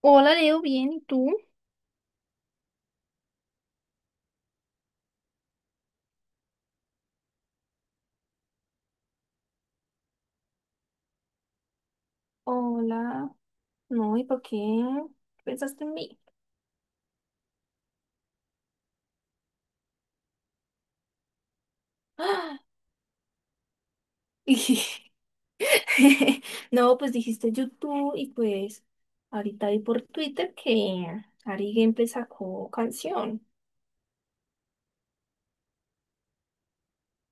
Hola, Leo, bien, ¿y tú? Hola, no, ¿y por qué pensaste en mí? ¡Ah! No, pues dijiste YouTube y pues ahorita vi por Twitter que Ari Gameplay sacó canción.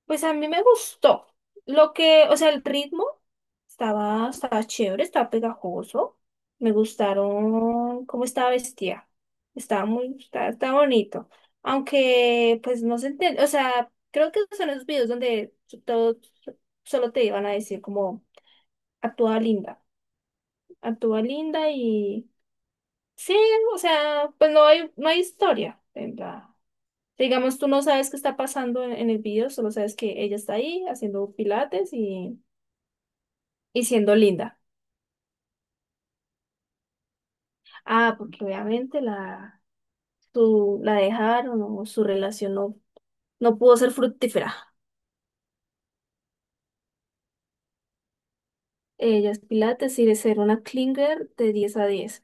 Pues a mí me gustó. Lo que, o sea, el ritmo estaba chévere, estaba pegajoso. Me gustaron cómo estaba vestida. Estaba muy, estaba bonito. Aunque, pues no se entiende, o sea, creo que son esos videos donde todo solo te iban a decir como, actúa linda, actúa linda y sí, o sea, pues no hay historia en la- Digamos, tú no sabes qué está pasando en el video, solo sabes que ella está ahí haciendo pilates y siendo linda. Ah, porque obviamente la dejaron o su relación no pudo ser fructífera. Ella es pilates y de ser una clinger de diez a diez.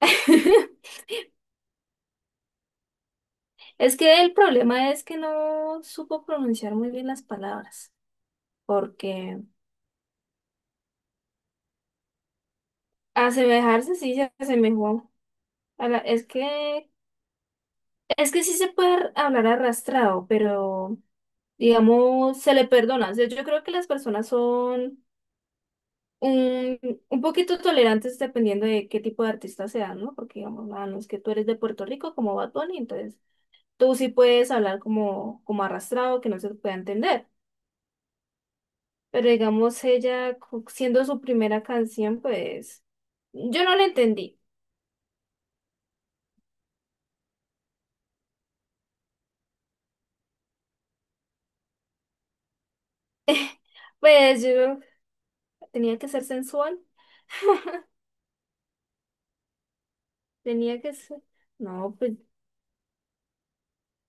Es que el problema es que no supo pronunciar muy bien las palabras, porque asemejarse sí se asemejó. A la- es que sí se puede hablar arrastrado, pero digamos, se le perdona. O sea, yo creo que las personas son un, un poquito tolerantes dependiendo de qué tipo de artista sea, ¿no? Porque, digamos, no es que tú eres de Puerto Rico como Bad Bunny, entonces tú sí puedes hablar como arrastrado, que no se te pueda entender. Pero, digamos, siendo su primera canción, pues yo no la entendí. Pues yo tenía que ser sensual, tenía que ser... No, pues.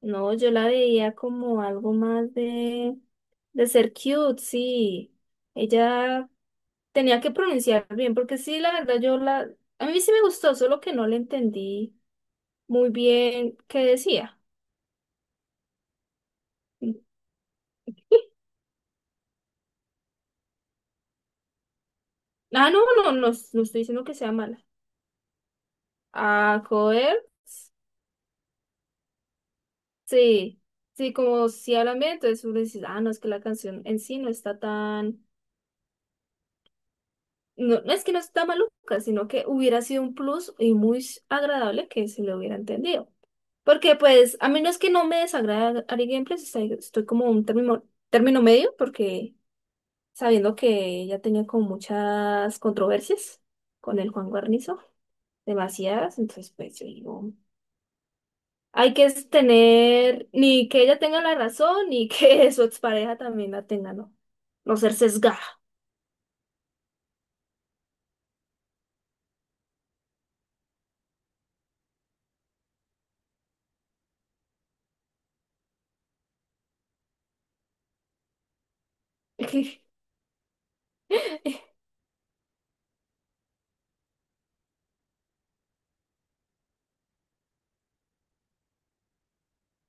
No, yo la veía como algo más de ser cute, sí. Ella tenía que pronunciar bien, porque sí, la verdad, yo la... A mí sí me gustó, solo que no le entendí muy bien qué decía. Ah, no, no, no, no estoy diciendo que sea mala. Ah, joder, sí, sí, como si hablan bien, entonces uno dice, ah, no, es que la canción en sí no está tan, no, no es que no está maluca, sino que hubiera sido un plus y muy agradable que se le hubiera entendido. Porque pues a menos que no me desagrada Ari Gameplays, estoy como término medio porque sabiendo que ya tenía como muchas controversias con el Juan Guarnizo, demasiadas, entonces pues yo digo, hay que es tener ni que ella tenga la razón ni que su expareja también la tenga, no, no ser sesgada.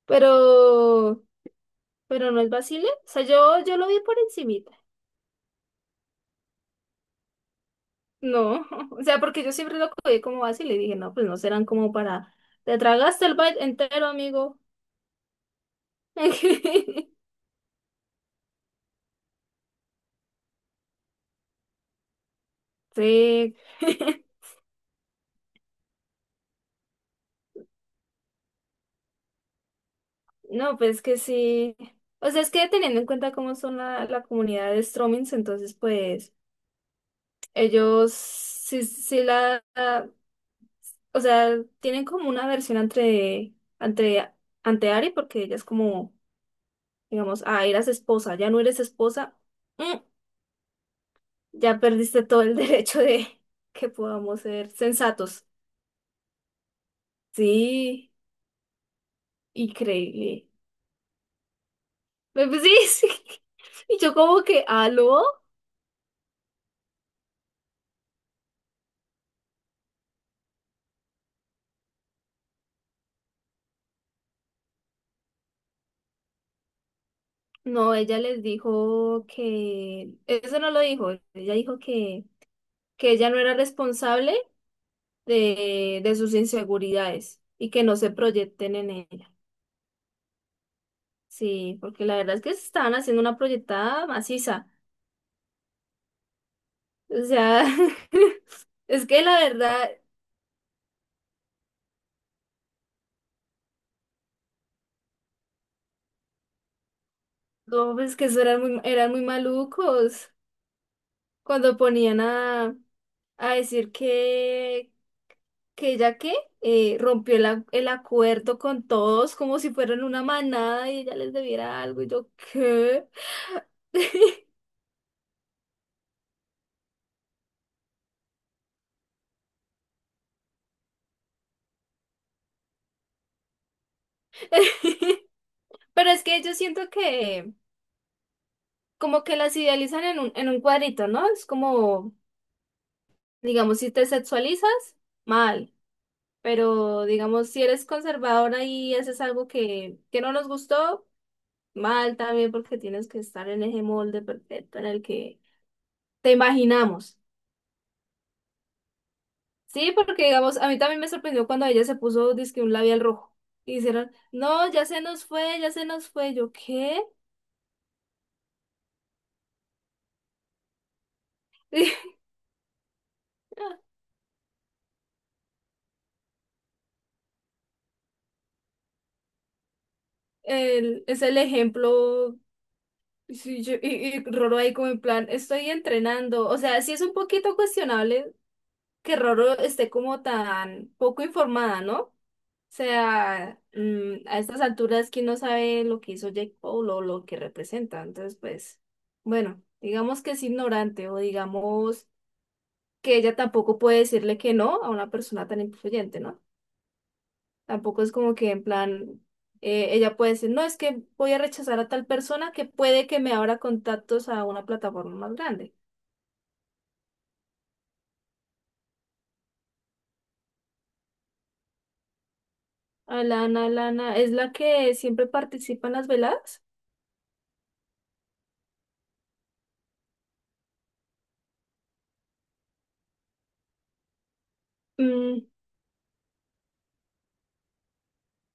Pero, pero no es vacile, o sea, yo lo vi por encima. No, o sea, porque yo siempre lo cogí como así y le dije, no, pues no serán como para... Te tragaste el bite entero, amigo. Sí. No, pues que sí. O sea, es que teniendo en cuenta cómo son la comunidad de Stromings, entonces pues ellos sí o sea, tienen como una versión entre, ante Ari, porque ella es como, digamos, eras esposa, ya no eres esposa. Mm, Ya perdiste todo el derecho de que podamos ser sensatos. Sí, increíble. Pues sí, sí. Y yo como que, ¿aló? No, ella les dijo que, eso no lo dijo, ella dijo que ella no era responsable de sus inseguridades y que no se proyecten en ella. Sí, porque la verdad es que se estaban haciendo una proyectada maciza. O sea, es que la verdad, no, es que eso eran muy malucos. Cuando ponían a decir que ella que rompió el acuerdo con todos como si fueran una manada y ella les debiera algo y yo, ¿qué? Pero es que yo siento que como que las idealizan en un cuadrito, ¿no? Es como, digamos, si te sexualizas, mal. Pero digamos, si eres conservadora y haces algo que no nos gustó, mal también porque tienes que estar en ese molde perfecto en el que te imaginamos. Sí, porque digamos, a mí también me sorprendió cuando ella se puso dizque un labial rojo. Y dijeron, no, ya se nos fue, ya se nos fue. Yo, ¿qué? Es el ejemplo. Sí, y Roro ahí como en plan, estoy entrenando. O sea, sí es un poquito cuestionable que Roro esté como tan poco informada, ¿no? Sea, a estas alturas, ¿quién no sabe lo que hizo Jake Paul o lo que representa? Entonces, pues, bueno, digamos que es ignorante o digamos que ella tampoco puede decirle que no a una persona tan influyente, ¿no? Tampoco es como que en plan, ella puede decir, no, es que voy a rechazar a tal persona que puede que me abra contactos a una plataforma más grande. Alana, Alana, ¿es la que siempre participa en las veladas? Mm,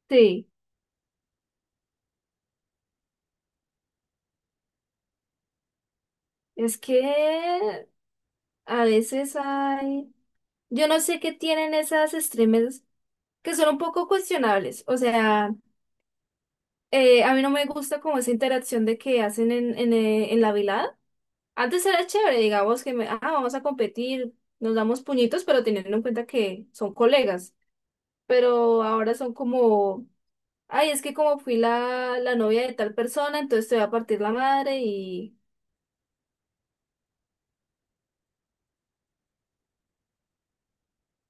sí, es que a veces hay... Yo no sé qué tienen esas streamers que son un poco cuestionables. O sea, a mí no me gusta como esa interacción de que hacen en la velada. Antes era chévere, digamos que vamos a competir, nos damos puñitos, pero teniendo en cuenta que son colegas. Pero ahora son como, ay, es que como fui la novia de tal persona, entonces te voy a partir la madre y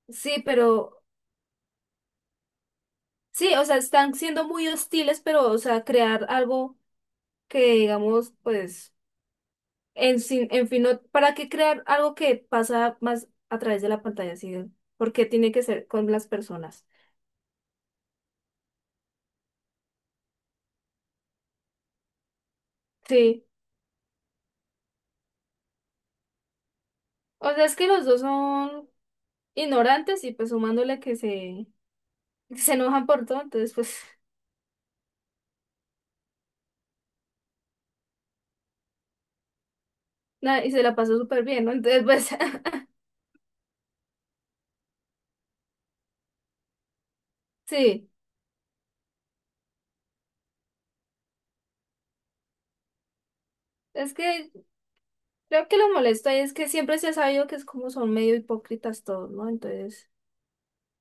sí, pero sí, o sea, están siendo muy hostiles, pero, o sea, crear algo que digamos, pues En, sin- en fin, no- ¿para qué crear algo que pasa más a través de la pantalla? ¿Sí? Porque tiene que ser con las personas. Sí. O sea, es que los dos son ignorantes y pues sumándole que se enojan por todo, entonces pues nada, y se la pasó súper bien, ¿no? Entonces pues sí. Es que creo que lo molesto ahí es que siempre se ha sabido que es como son medio hipócritas todos, ¿no? Entonces,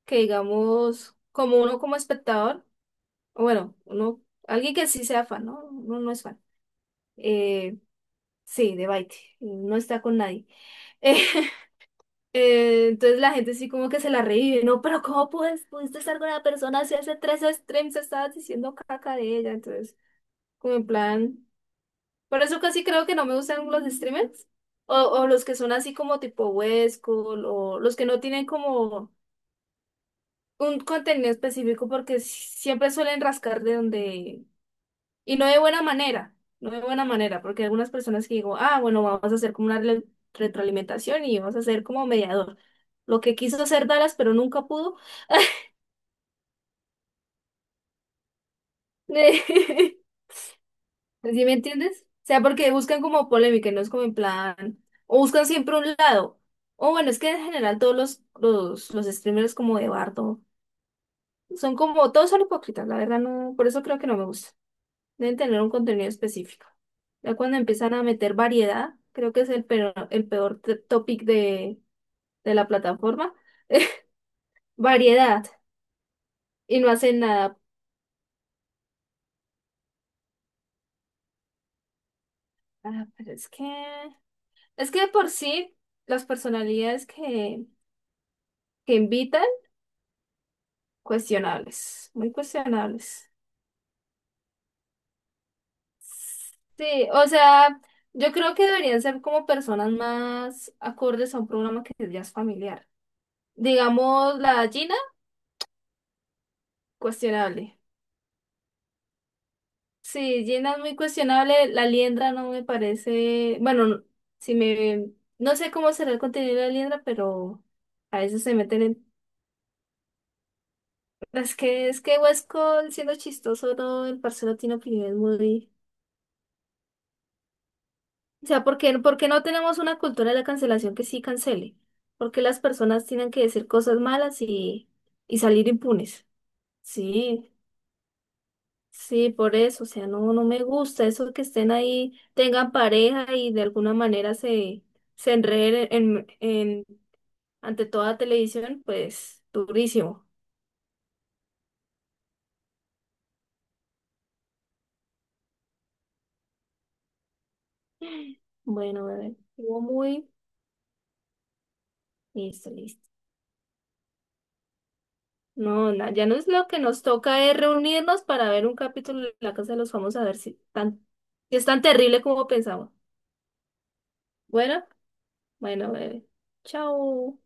que digamos, como uno como espectador, o bueno, uno, alguien que sí sea fan, ¿no? Uno no es fan. Eh, Sí, de Baiti, no está con nadie. Eh, entonces la gente sí como que se la revive, ¿no? Pero ¿cómo puedes, pudiste estar con una persona si hace tres streams estabas diciendo caca de ella? Entonces, como en plan... Por eso casi creo que no me gustan los streamers. O los que son así como tipo Huesco, o los que no tienen como un contenido específico porque siempre suelen rascar de donde, y no de buena manera, no de buena manera, porque hay algunas personas que digo, ah, bueno, vamos a hacer como una retroalimentación y vamos a hacer como mediador. Lo que quiso hacer Dallas, pero nunca pudo. ¿Sí me entiendes? O sea, porque buscan como polémica, y no es como en plan, o buscan siempre un lado. O bueno, es que en general todos los streamers como de Bardo son como, todos son hipócritas, la verdad no, por eso creo que no me gusta. Deben tener un contenido específico. Ya cuando empiezan a meter variedad, creo que es el peor topic de la plataforma. Variedad. Y no hacen nada. Ah, pero es que... Es que de por sí, las personalidades que invitan, cuestionables. Muy cuestionables. Sí, o sea, yo creo que deberían ser como personas más acordes a un programa que ya es familiar. Digamos, la Gina, cuestionable. Sí, Gina es muy cuestionable. La liendra no me parece. Bueno, si me. No sé cómo será el contenido de la liendra, pero a veces se meten en. Es que Huesco, siendo chistoso, no, el parcero tiene opiniones muy. O sea, ¿por qué no tenemos una cultura de la cancelación que sí cancele? Porque las personas tienen que decir cosas malas y salir impunes? Sí. Sí, por eso, o sea, no, no me gusta eso que estén ahí, tengan pareja y de alguna manera se enreden ante toda televisión, pues durísimo. Bueno, bebé, estuvo muy listo, listo. No, ya no es lo que nos toca es reunirnos para ver un capítulo de La Casa de los Famosos, a ver si es tan terrible como pensamos. Bueno, bueno, bebé, chao.